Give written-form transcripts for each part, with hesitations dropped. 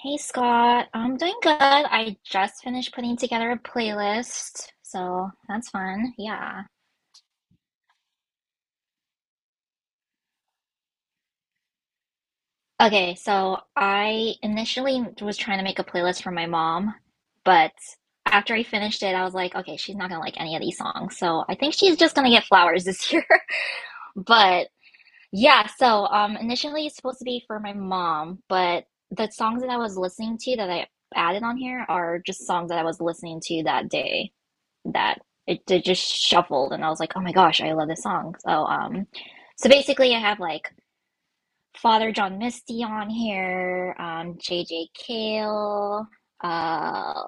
Hey Scott, I'm doing good. I just finished putting together a playlist, so that's fun. Yeah. Okay, so I initially was trying to make a playlist for my mom, but after I finished it, I was like, okay, she's not gonna like any of these songs, so I think she's just gonna get flowers this year. But Yeah, so initially it's supposed to be for my mom, but the songs that I was listening to that I added on here are just songs that I was listening to that day that it just shuffled and I was like, "Oh my gosh, I love this song." So basically I have like Father John Misty on here, JJ Cale, uh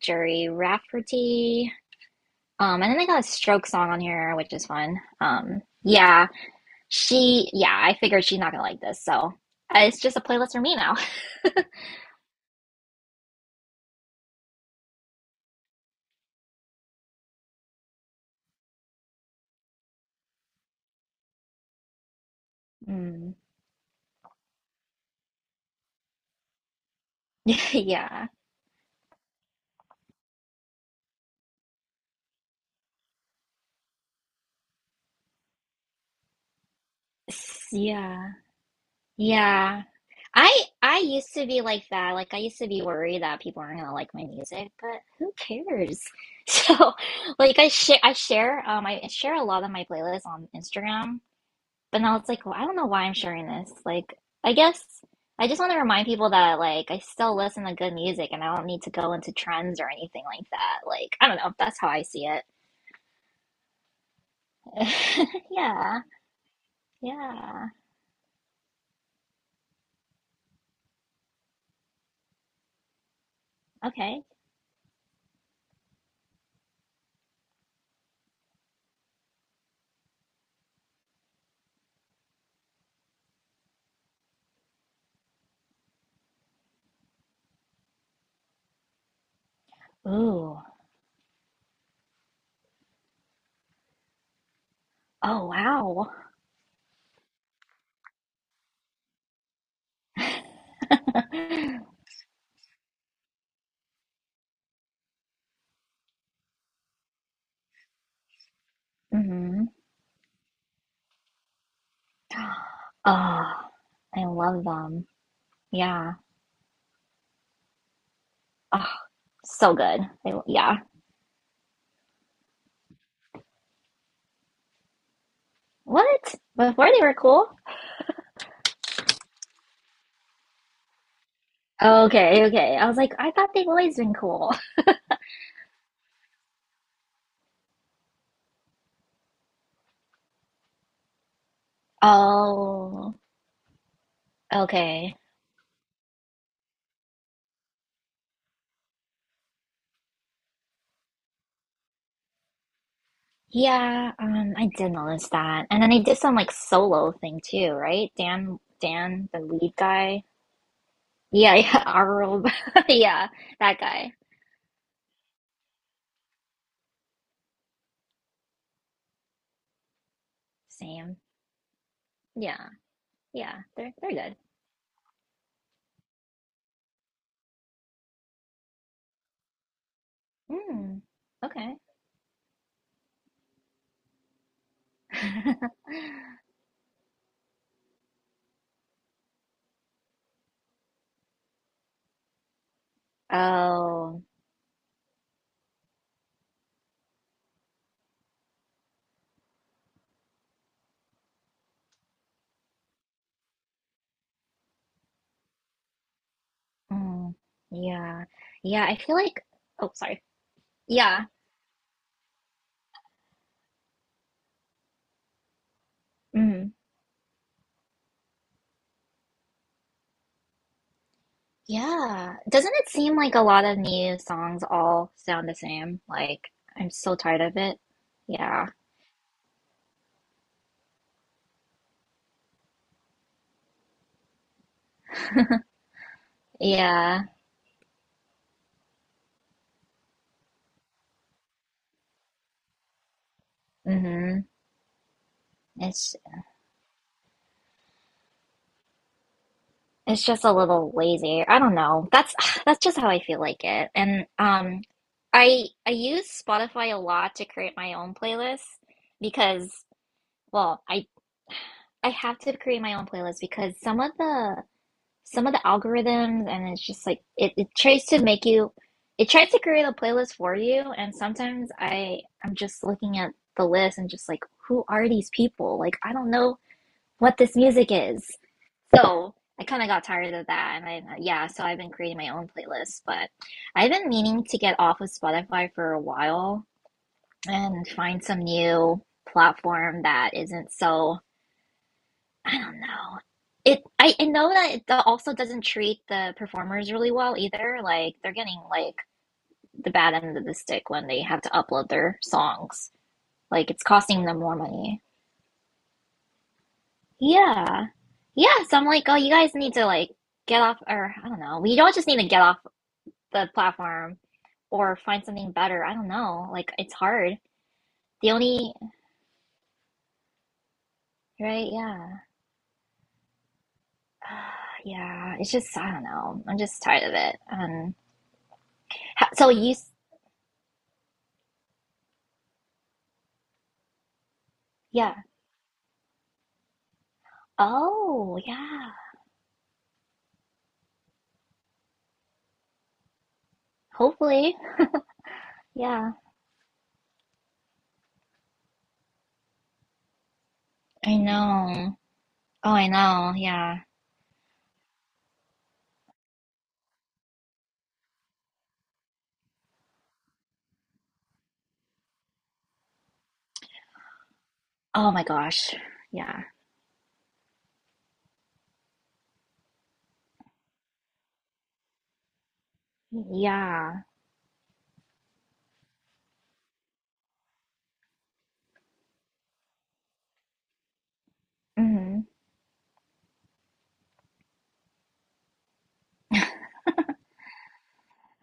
Jerry Rafferty, and then I got a Stroke song on here, which is fun. Yeah. Yeah, I figured she's not gonna like this, so it's just a playlist for me now. Mm. Yeah. Yeah. Yeah. I used to be like that. Like I used to be worried that people aren't gonna like my music, but who cares? So, like I share a lot of my playlists on Instagram. But now it's like, well, I don't know why I'm sharing this. Like, I guess I just want to remind people that like I still listen to good music and I don't need to go into trends or anything like that. Like, I don't know. That's how I see it. Yeah. Yeah. Okay. Ooh. Oh, wow. Hmm. Oh, I love them. Yeah. Oh, so good. Yeah. What? Before they were cool? Okay, okay. I was like, I thought they've always been cool. Oh. Okay. Yeah, I did notice that. And then they did some like solo thing too, right? Dan, the lead guy. Yeah, yeah. Arul. Yeah, that guy. Same. Yeah, yeah, they're good. Mm, okay. Oh, mm, yeah. Yeah, I feel like, oh, sorry. Yeah. Mm, yeah. Doesn't it seem like a lot of new songs all sound the same? Like, I'm so tired of it. Yeah. Yeah. Hmm. It's it's just a little lazy. I don't know. That's that's just how I feel like it. And I use Spotify a lot to create my own playlists because well, I I have to create my own playlist because some of the algorithms and it's just like it tries to create a playlist for you and sometimes I'm just looking at the list and just like who are these people? Like I don't know what this music is. So I kind of got tired of that, and I yeah, so I've been creating my own playlist. But I've been meaning to get off of Spotify for a while and find some new platform that isn't so I don't know. I know that it also doesn't treat the performers really well either. Like they're getting like the bad end of the stick when they have to upload their songs. Like it's costing them more money. Yeah. Yeah, so I'm like, oh, you guys need to like get off, or I don't know. We don't just need to get off the platform or find something better. I don't know. Like it's hard. The only Right, yeah. Yeah, it's just I don't know. I'm just tired of it. Ha- so you s- yeah. Oh, yeah. Hopefully. Yeah. I know. Oh, I know. Yeah. Oh my gosh. Yeah. Yeah. Hmm.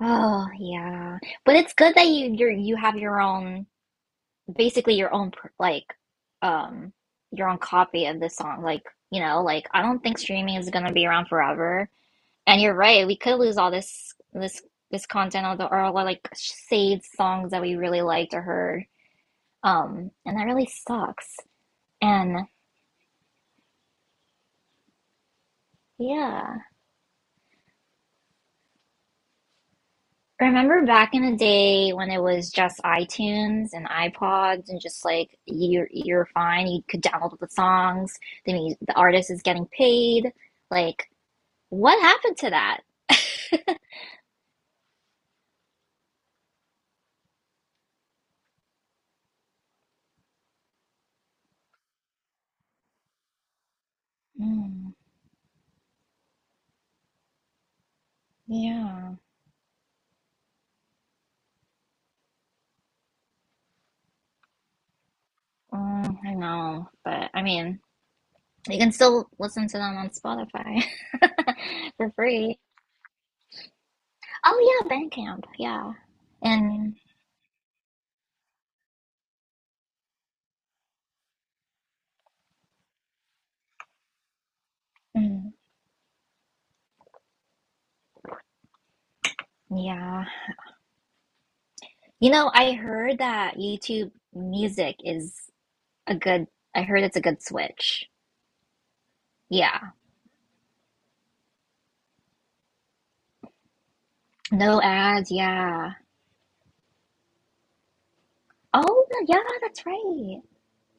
Oh, yeah. But it's good that you're, you have your own. Basically your own, like, um your own copy of the song. Like, you know, like I don't think streaming is going to be around forever, and you're right, we could lose all this content, or all the, like, saved songs that we really liked or heard, and that really sucks, and yeah, remember back in the day when it was just iTunes and iPods and just like you're fine, you could download the songs, the artist is getting paid, like, what happened to that? Mm, yeah. Mm, I know. But I mean, you can still listen to them on Spotify for free. Oh, yeah, Bandcamp. Yeah. And Mm, yeah. You know, I heard that YouTube music is a good, I heard it's a good switch. Yeah. No ads. Yeah. Oh, yeah, that's right.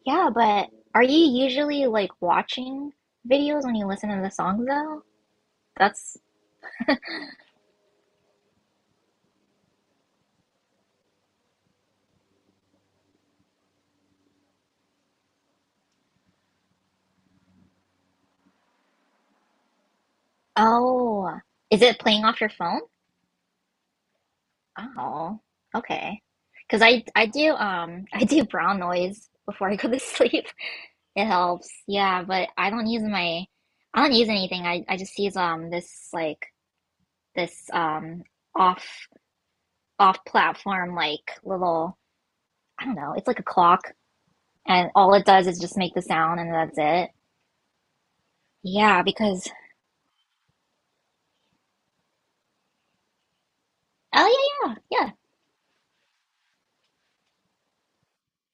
Yeah, but are you usually like watching videos when you listen to the songs though? That's Oh, is it playing off your phone? Oh, okay. Because I do I do brown noise before I go to sleep. It helps. Yeah, but I don't use anything. I just use this this off off platform, like, little, I don't know. It's like a clock, and all it does is just make the sound, and that's it. Yeah, because oh yeah yeah yeah.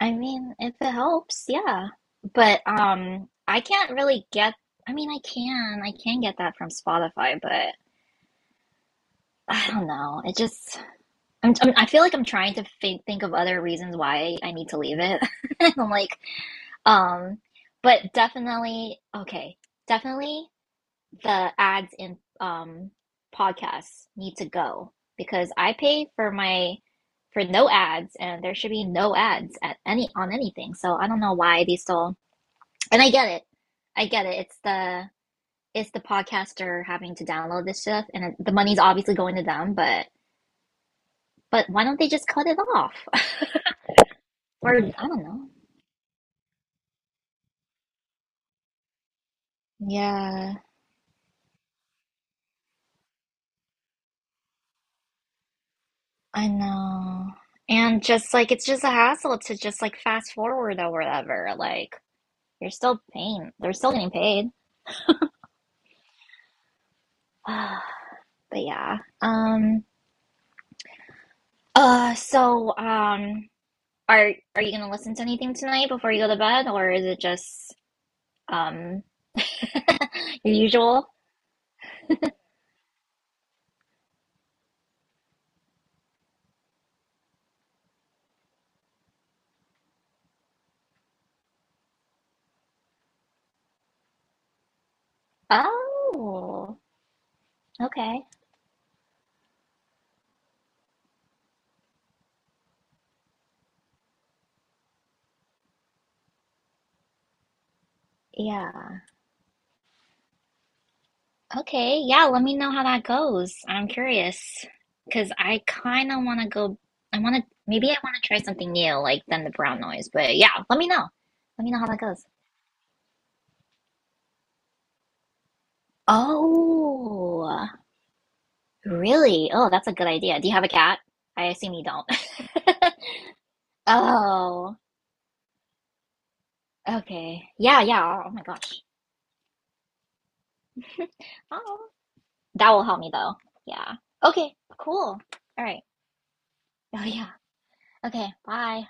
I mean, if it helps, yeah. But I can't really get. I mean, I can. I can get that from Spotify, but I don't know. It just I feel like I'm trying to think of other reasons why I need to leave it. And I'm like um but definitely okay. Definitely the ads in podcasts need to go because I pay for no ads and there should be no ads at any on anything. So I don't know why they still, and I get it. I get it. It's the podcaster having to download this stuff, and the money's obviously going to them. But why don't they just cut it off? Or I don't know. Yeah, I know. And just like it's just a hassle to just like fast forward or whatever. Like you're still paying. They're still getting paid. But yeah. So Are you gonna listen to anything tonight before you go to bed, or is it just um your usual? Oh, okay. Yeah. Okay. Yeah, let me know how that goes. I'm curious because I kind of want to go. Maybe I want to try something new, like, than the brown noise. But yeah, let me know. Let me know how that goes. Oh, really? Oh, that's a good idea. Do you have a cat? I assume you don't. Oh, okay. Yeah, yeah. Oh my gosh. Oh, that will help me though. Yeah. Okay, cool. All right. Oh, yeah. Okay, bye.